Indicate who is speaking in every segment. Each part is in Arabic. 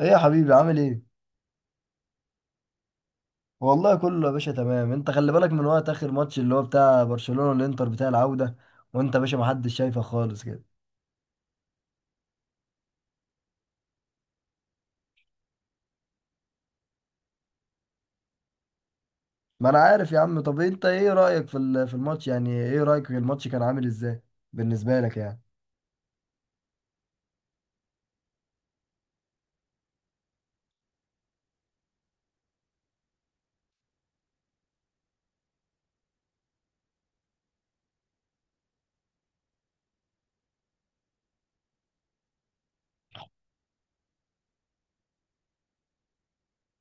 Speaker 1: ايه يا حبيبي عامل ايه؟ والله كله يا باشا تمام، انت خلي بالك من وقت اخر ماتش اللي هو بتاع برشلونة والانتر بتاع العودة. وانت يا باشا ما حدش شايفك خالص كده. ما انا عارف يا عم. طب انت ايه رأيك في الماتش؟ يعني ايه رأيك في الماتش؟ كان عامل ازاي بالنسبة لك يعني؟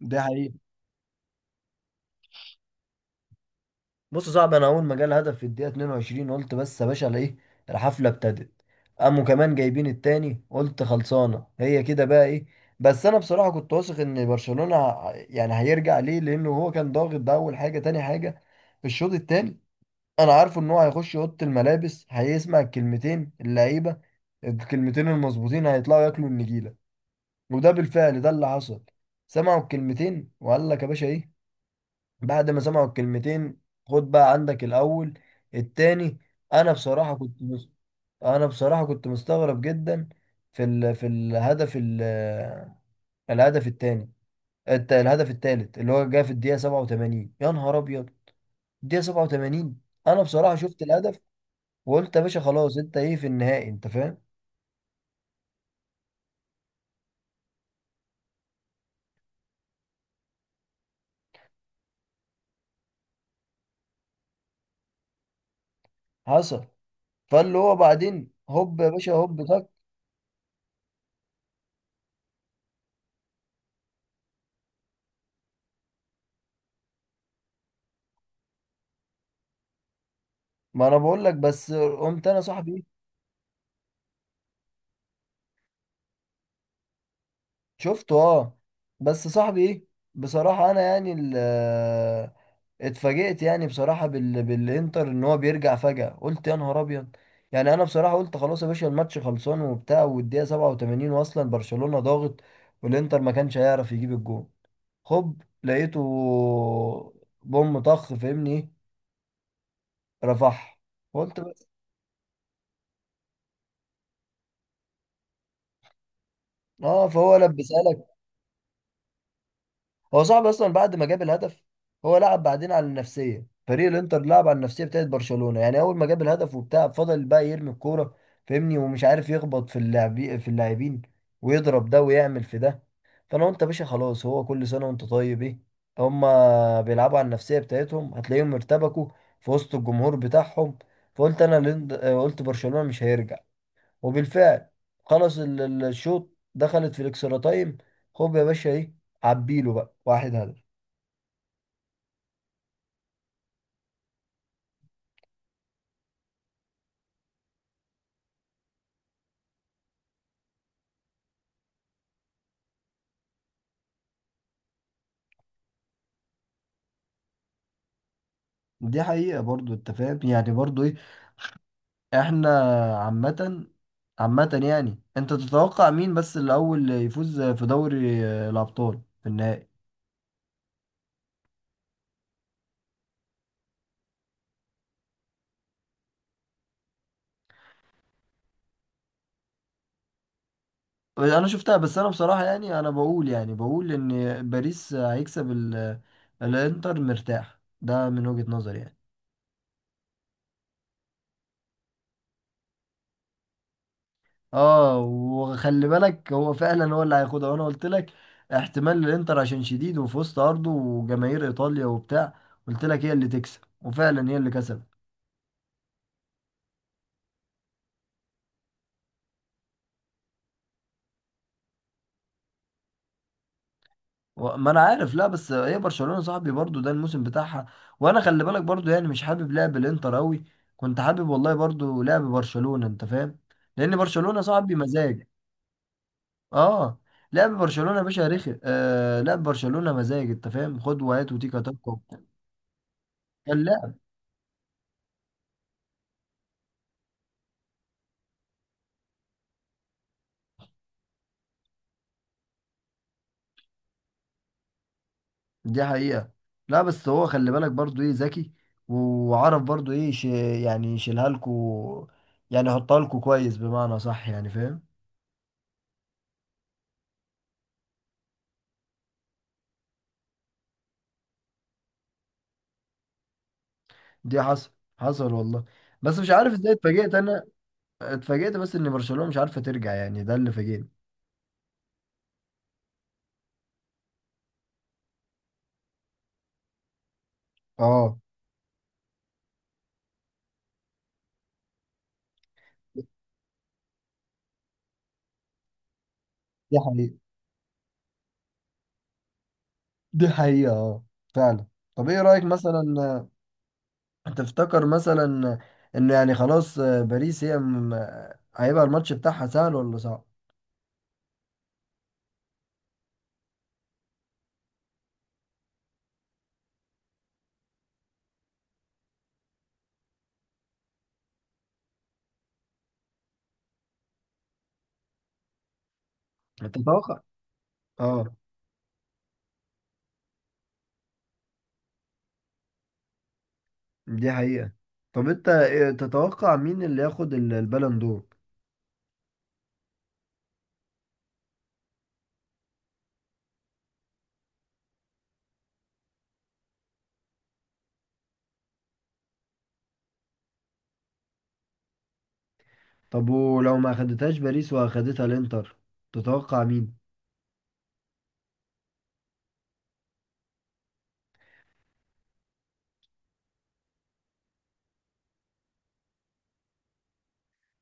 Speaker 1: ده حقيقي. بص يا صاحبي، انا اول ما جالي هدف في الدقيقه 22 قلت بس يا باشا على ايه. الحفله ابتدت. قاموا كمان جايبين التاني قلت خلصانه هي كده بقى ايه. بس انا بصراحه كنت واثق ان برشلونه يعني هيرجع ليه، لانه هو كان ضاغط. ده اول حاجه. تاني حاجه الشوط التاني، انا عارفه ان هو هيخش اوضه الملابس هيسمع الكلمتين اللعيبه، الكلمتين المظبوطين، هيطلعوا ياكلوا النجيله. وده بالفعل ده اللي حصل. سمعوا الكلمتين وقال لك يا باشا ايه بعد ما سمعوا الكلمتين. خد بقى عندك الأول، التاني. أنا بصراحة كنت مس- أنا بصراحة كنت مستغرب جدا في الهدف الهدف التاني الهدف التالت اللي هو جه في الدقيقة 87. يا نهار أبيض الدقيقة 87. أنا بصراحة شفت الهدف وقلت يا باشا خلاص أنت إيه في النهائي أنت فاهم. حصل. فاللي هو بعدين هوب يا باشا هوب طك. ما أنا بقول لك. بس قمت أنا صاحبي شفته، اه. بس صاحبي ايه، بصراحة انا يعني اتفاجئت يعني بصراحة بالانتر ان هو بيرجع فجأة. قلت يا نهار ابيض. يعني انا بصراحة قلت خلاص يا باشا الماتش خلصان وبتاع والدقيقة 87 واصلا برشلونة ضاغط، والانتر ما كانش هيعرف يجيب الجون. خب لقيته. بوم طخ فاهمني ايه؟ رفح. قلت بس. اه فهو لبسها. هو صعب اصلا بعد ما جاب الهدف. هو لعب بعدين على النفسيه، فريق الانتر لعب على النفسيه بتاعت برشلونه. يعني اول ما جاب الهدف وبتاع فضل بقى يرمي الكوره، فاهمني، ومش عارف يخبط في اللاعبين، ويضرب ده ويعمل في ده. فانا قلت يا باشا خلاص هو كل سنه وانت طيب ايه. هما بيلعبوا على النفسيه بتاعتهم، هتلاقيهم ارتبكوا في وسط الجمهور بتاعهم. فقلت انا قلت برشلونه مش هيرجع. وبالفعل خلص الشوط. دخلت في الاكسترا تايم. هوب يا باشا ايه عبيله بقى واحد هدف. دي حقيقة برضو انت فاهم يعني برضو ايه. احنا عامة، عامة يعني انت تتوقع مين بس الاول يفوز في دوري الابطال في النهائي؟ انا شفتها بس انا بصراحة يعني انا بقول، يعني بقول ان باريس هيكسب الانتر مرتاح، ده من وجهة نظري يعني. اه، وخلي بالك هو فعلا هو اللي هياخدها وانا قلت لك احتمال للانتر عشان شديد وفي وسط ارضه وجماهير ايطاليا وبتاع. قلت لك هي اللي تكسب وفعلا هي اللي كسبت. ما انا عارف، لا بس هي برشلونة صاحبي برضو ده الموسم بتاعها. وانا خلي بالك برضو يعني مش حابب لعب الانتر قوي، كنت حابب والله برضو لعب برشلونة انت فاهم، لان برشلونة صاحبي مزاج. اه. لعب برشلونة يا باشا رخي، آه لعب برشلونة مزاج، انت فاهم، خد وهات وتيكا تاكا. كان. دي حقيقة. لا بس هو خلي بالك برضو ايه ذكي، وعرف برضو ايه يعني يشيلها لكو، يعني يحطها لكو كويس بمعنى صح يعني فاهم. دي حصل. حصل والله. بس مش عارف ازاي اتفاجئت انا. اتفاجئت بس ان برشلونة مش عارفة ترجع يعني ده اللي فاجئني. اه دي حقيقة. دي حقيقة اه. فعلا. طب ايه رأيك مثلا، تفتكر مثلا ان يعني خلاص باريس هي م... آه، هيبقى الماتش بتاعها سهل ولا صعب؟ تتوقع. اه دي حقيقة. طب انت تتوقع مين اللي ياخد البالون دور؟ طب ولو ما اخدتهاش باريس واخدتها الانتر تتوقع مين؟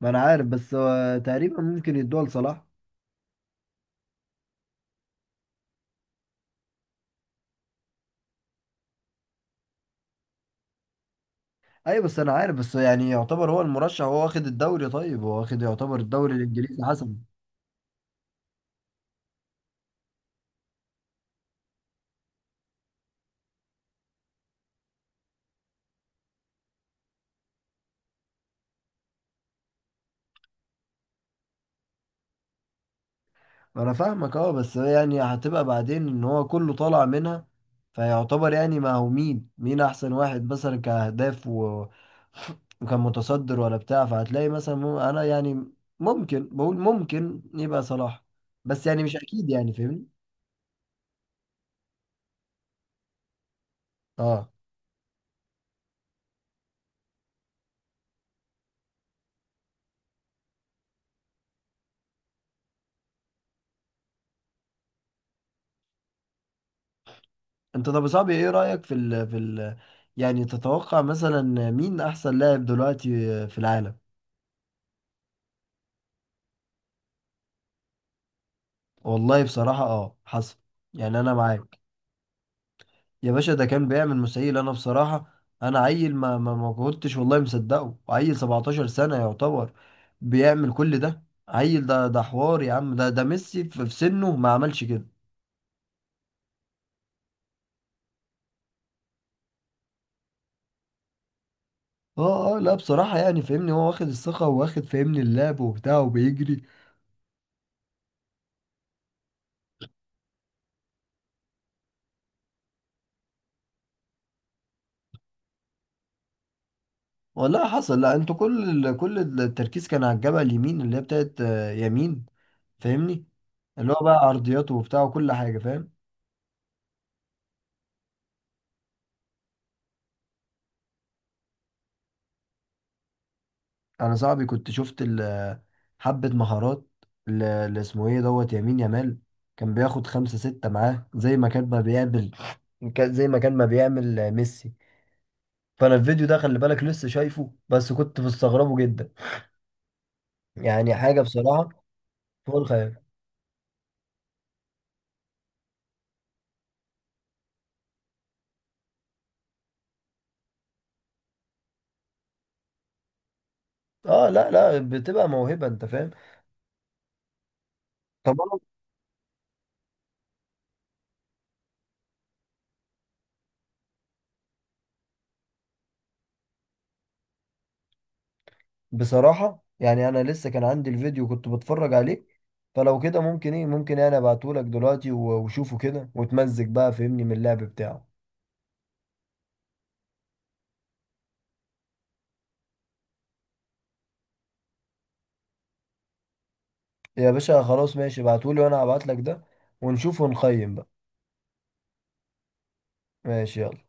Speaker 1: ما انا عارف بس هو تقريبا ممكن يدوها لصلاح. ايوه بس انا عارف، بس يعني يعتبر هو المرشح، هو واخد الدوري، طيب هو واخد يعتبر الدوري الانجليزي حسب. انا فاهمك اه، بس هي يعني هتبقى بعدين ان هو كله طالع منها فيعتبر يعني ما هو مين مين احسن واحد مثلا كاهداف و... وكان متصدر ولا بتاع، فهتلاقي مثلا انا يعني ممكن بقول ممكن يبقى صلاح، بس يعني مش اكيد يعني فاهمني. اه. انت طب يا صاحبي ايه رأيك يعني تتوقع مثلا مين احسن لاعب دلوقتي في العالم؟ والله بصراحة اه حصل. يعني انا معاك يا باشا، ده كان بيعمل مسائل. انا بصراحة انا عيل ما ما ما كنتش والله مصدقه، عيل 17 سنة يعتبر بيعمل كل ده. عيل ده حوار يا عم، ده ميسي في سنه ما عملش كده. اه، لا بصراحة يعني فاهمني هو واخد الثقة واخد فاهمني اللعب وبتاع وبيجري. والله حصل. لا انتوا كل كل التركيز كان على الجبهة اليمين اللي هي بتاعت يمين، فاهمني، اللي هو بقى عرضياته وبتاع وكل حاجة فاهم. انا صاحبي كنت شفت حبة مهارات، اللي اسمه ايه دوت يمين يامال كان بياخد خمسة ستة معاه زي ما كان ما بيعمل، كان زي ما كان ما بيعمل ميسي. فانا الفيديو ده خلي بالك لسه شايفه بس كنت مستغربه جدا يعني. حاجة بصراحة فوق الخيال. اه، لا لا، بتبقى موهبة انت فاهم. طب انا بصراحة يعني انا لسه كان عندي الفيديو كنت بتفرج عليه فلو كده ممكن ايه ممكن انا ابعتهولك دلوقتي وشوفه كده وتمزج بقى فهمني من اللعب بتاعه. يا باشا خلاص ماشي ابعتولي وانا هبعتلك ده ونشوف ونقيم بقى. ماشي يلا.